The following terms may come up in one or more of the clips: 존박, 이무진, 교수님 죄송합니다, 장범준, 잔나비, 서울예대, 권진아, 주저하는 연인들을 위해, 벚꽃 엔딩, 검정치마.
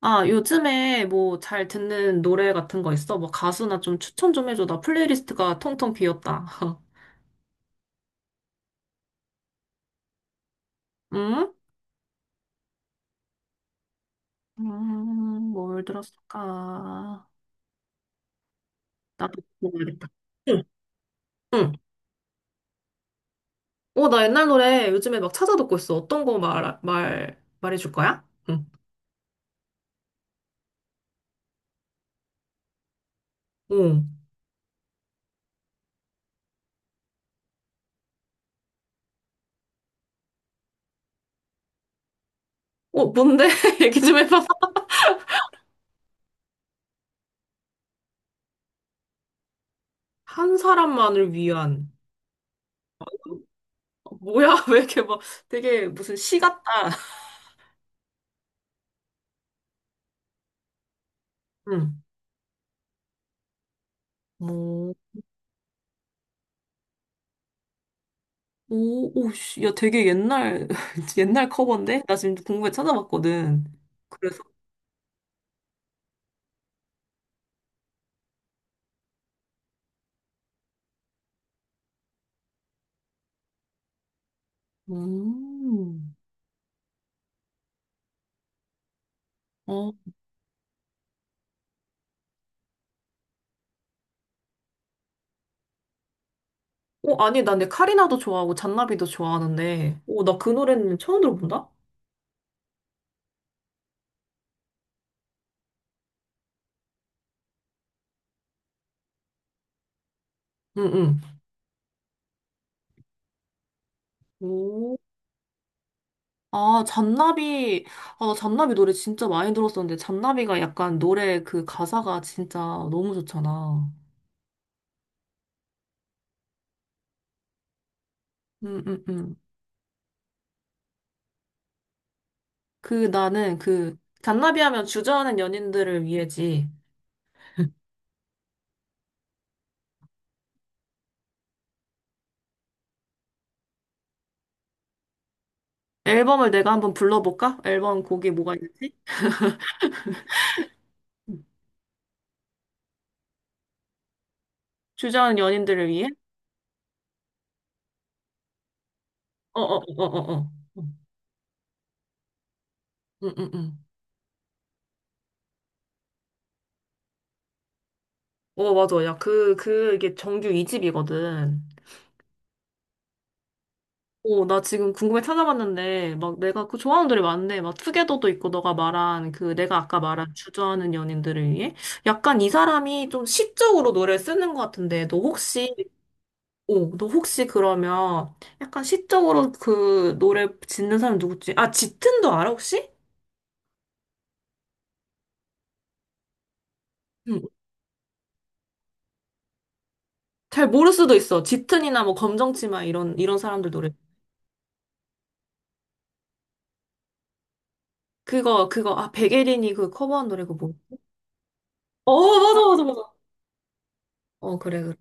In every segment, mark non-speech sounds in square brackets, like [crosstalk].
아, 요즘에 뭐 잘 듣는 노래 같은 거 있어? 뭐 가수나 좀 추천 좀 해줘. 나 플레이리스트가 텅텅 비었다. [laughs] 응? 음, 뭘 들었을까? 나도 모르겠다. 응, 응. 어, 나 옛날 노래 요즘에 막 찾아 듣고 있어. 어떤 거 말해줄 거야? 응. 어. 어, 뭔데? [laughs] 얘기 좀 해봐. 한 사람만을 위한. 어, 뭐야? [laughs] 왜 이렇게 막 되게 무슨 시 같다. 응. 뭐 오, 오, 씨, 야, 되게 옛날, [laughs] 옛날 커버인데? 나 지금 궁금해 찾아봤거든. 그래서, 음, 어, 어, 아니, 나 근데 카리나도 좋아하고 잔나비도 좋아하는데, 오, 나 그 노래는 처음 들어본다? 응, 응. 오, 아, 잔나비, 아, 나 잔나비 노래 진짜 많이 들었었는데, 잔나비가 약간 노래 그 가사가 진짜 너무 좋잖아. 응, 응, 응. 그 나는 그, 잔나비 하면 주저하는 연인들을 위해지. 앨범을 내가 한번 불러볼까? 앨범 곡이 뭐가 있는지? 음. 주저하는 연인들을 위해? 어어어어어어. 응응응. 어, 맞아. 야, 이게 정규 2집이거든. 어, 나 지금 궁금해 찾아봤는데, 막 내가 그 좋아하는 노래 많네. 막 투게더도 있고, 너가 말한 그, 내가 아까 말한 주저하는 연인들을 위해? 약간 이 사람이 좀 시적으로 노래를 쓰는 것 같은데, 너 혹시, 어, 너 혹시 그러면 약간 시적으로 그 노래 짓는 사람 누구지? 아, 짙은도 알아, 혹시? 잘 모를 수도 있어. 짙은이나 뭐 검정치마 이런 사람들 노래. 그거 아 백예린이 그 커버한 노래 그거 뭐? 어 맞아 맞아 맞아. 어 그래 그래.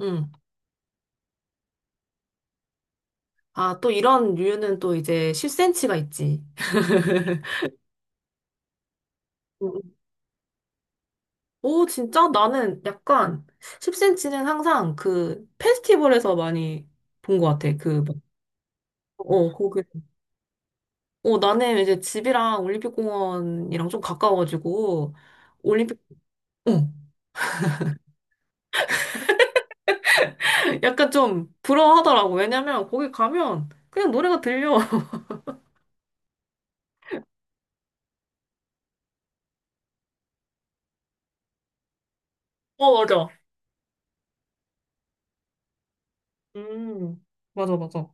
응. 아 또 이런 류는 또 이제 10cm가 있지. 응, 응. [laughs] 오 진짜 나는 약간 10cm는 항상 그 페스티벌에서 많이 본 것 같아. 그 막, 어, 거기. 어, 나는 이제 집이랑 올림픽공원이랑 좀 가까워가지고, 올림픽, 어, 약간 좀 부러워하더라고. 왜냐면 거기 가면 그냥 노래가 들려. [laughs] 어, 맞아. 음, 맞아, 맞아.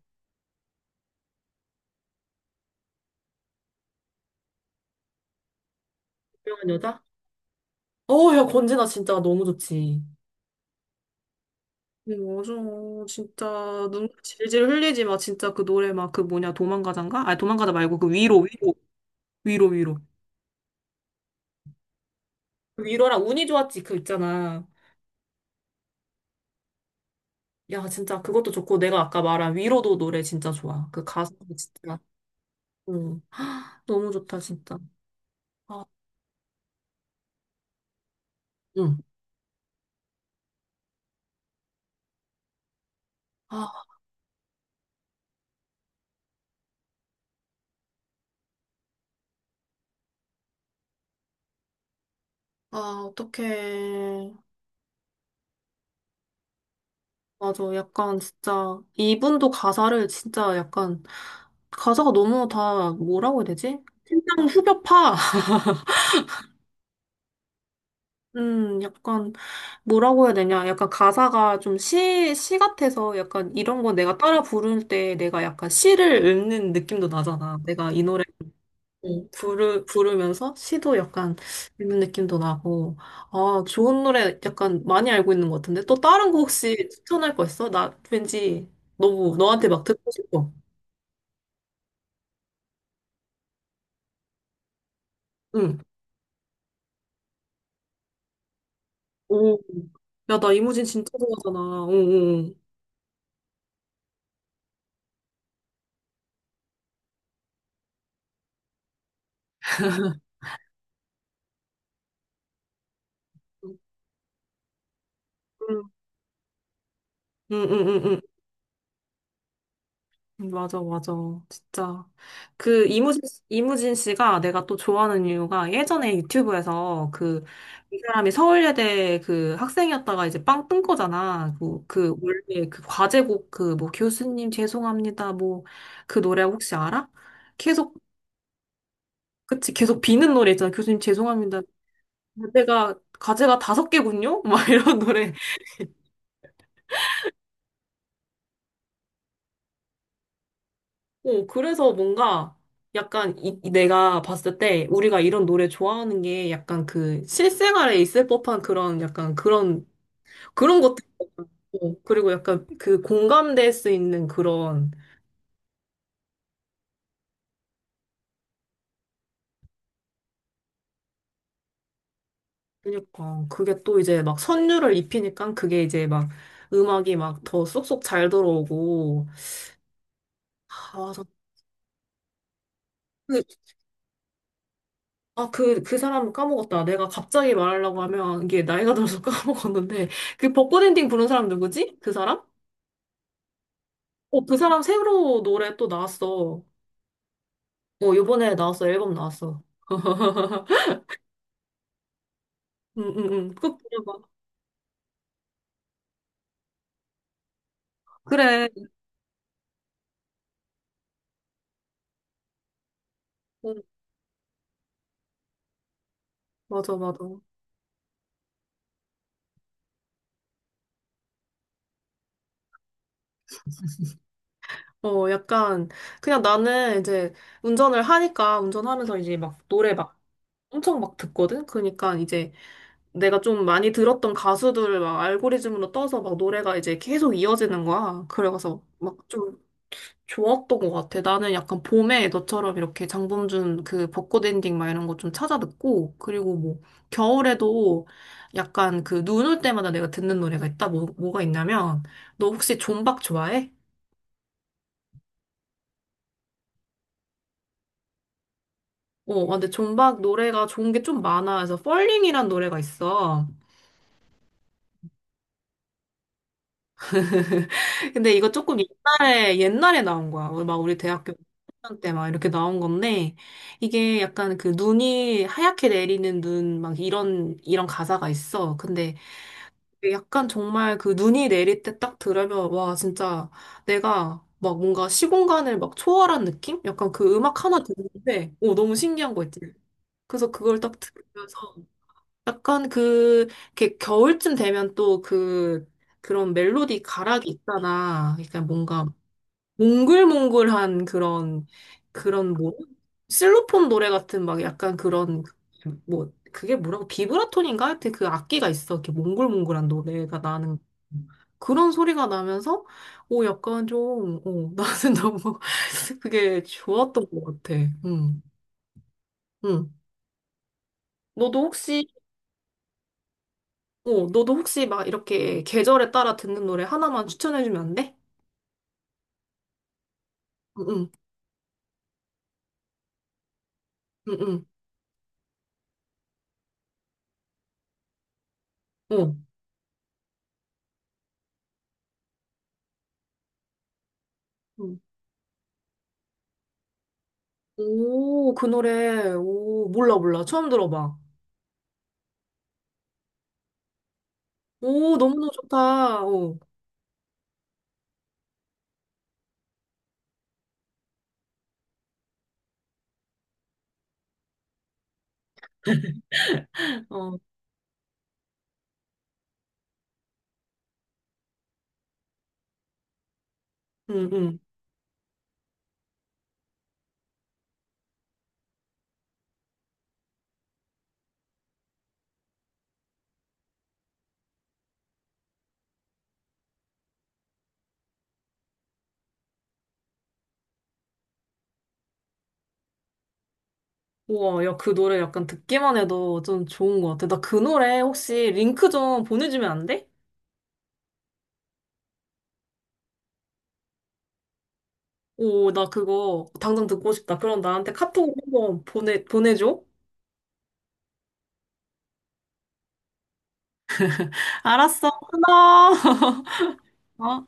유명한 여자? 어, 야, 권진아 진짜 너무 좋지. 맞아. 진짜 눈 질질 흘리지 마. 진짜 그 노래 막 그 뭐냐 도망가자인가? 아니 도망가자 말고 그 위로 위로 위로 위로. 그 위로랑 운이 좋았지, 그 있잖아. 야, 진짜 그것도 좋고, 내가 아까 말한 위로도 노래 진짜 좋아. 그 가수 진짜. 응. 너무 좋다, 진짜. 아, 응. 아, 아, 어떡해. 맞아. 약간 진짜 이분도 가사를 진짜 약간 가사가 너무 다 뭐라고 해야 되지? 심장 후벼파. [laughs] 약간 뭐라고 해야 되냐? 약간 가사가 좀 시 같아서 약간 이런 거 내가 따라 부를 때 내가 약간 시를 읊는 느낌도 나잖아. 내가 이 노래 부르면서 시도 약간 읊는 느낌도 나고. 아, 좋은 노래 약간 많이 알고 있는 것 같은데? 또 다른 거 혹시 추천할 거 있어? 나 왠지 너무 너한테 막 듣고 싶어. 응. 오, 야, 나 이무진 진짜 좋아하잖아. 어, 어, 어. 응, 응, 응, 응. 응. 응, 맞아, 맞아. 진짜. 그, 이무진, 이무진 씨가 내가 또 좋아하는 이유가 예전에 유튜브에서 그, 이 사람이 서울예대 그 학생이었다가 이제 빵 뜬 거잖아. 원래 그 과제곡 그, 뭐, 교수님 죄송합니다. 뭐, 그 노래 혹시 알아? 계속, 그치, 계속 비는 노래 있잖아. 교수님 죄송합니다. 내가 과제가 다섯 개군요? 막 [laughs] 이런 노래. 어, 그래서 뭔가 약간 이 내가 봤을 때 우리가 이런 노래 좋아하는 게 약간 그 실생활에 있을 법한 그런 약간 그런 그런 것들 있고 그리고 약간 그 공감될 수 있는 그런 그러니까 그게 또 이제 막 선율을 입히니까 그게 이제 막 음악이 막 더 쏙쏙 잘 들어오고 아, 저 그, 아, 그 사람 까먹었다. 내가 갑자기 말하려고 하면 이게 나이가 들어서 [laughs] 까먹었는데 그 벚꽃 엔딩 부른 사람 누구지? 그 사람? 어, 그 사람 새로 노래 또 나왔어. 어, 요번에 나왔어. 앨범 나왔어. [laughs] 응, 응, 응. 꼭 들어봐. 그래. 응, 맞아, 맞아. 어, 약간, 그냥 나는 이제 운전을 하니까, 운전하면서 이제 막 노래 막 엄청 막 듣거든? 그러니까 이제 내가 좀 많이 들었던 가수들을 막 알고리즘으로 떠서 막 노래가 이제 계속 이어지는 거야. 그래가서 막좀 좋았던 것 같아. 나는 약간 봄에 너처럼 이렇게 장범준 그 벚꽃 엔딩 막 이런 거 좀 찾아 듣고, 그리고 뭐, 겨울에도 약간 그 눈 올 때마다 내가 듣는 노래가 있다. 뭐가 있냐면, 너 혹시 존박 좋아해? 어, 아, 근데 존박 노래가 좋은 게 좀 많아. 그래서 펄링이란 노래가 있어. [laughs] 근데 이거 조금 옛날에 나온 거야. 우리 대학교 때 막 이렇게 나온 건데, 이게 약간 그 눈이 하얗게 내리는 눈, 막 이런 가사가 있어. 근데 약간 정말 그 눈이 내릴 때 딱 들으면 와 진짜 내가 막 뭔가 시공간을 막 초월한 느낌? 약간 그 음악 하나 듣는데 오 너무 신기한 거 있지. 그래서 그걸 딱 들으면서 약간 그 이렇게 겨울쯤 되면 또 그 그런 멜로디 가락이 있잖아. 그러니까 뭔가 몽글몽글한 그런 그런 뭐 실로폰 노래 같은 막 약간 그런 그 뭐 그게 뭐라고 비브라톤인가 하여튼 그 악기가 있어 이렇게 몽글몽글한 노래가 나는 그런 소리가 나면서 오 약간 좀 오, 나는 [laughs] 너무 그게 좋았던 것 같아 음, 응 너도 혹시 어 너도 혹시 막 이렇게 계절에 따라 듣는 노래 하나만 추천해주면 안 돼? 응응응응 어 응. 오, 그 노래. 오, 몰라, 몰라. 처음 들어봐. 오, 너무너무 좋다. 오, 어, 응, 응. 우와, 야, 그 노래 약간 듣기만 해도 좀 좋은 것 같아. 나 그 노래 혹시 링크 좀 보내주면 안 돼? 오, 나 그거 당장 듣고 싶다. 그럼 나한테 카톡으로 한번 보내줘. 알았어. 고마워. [laughs] 어.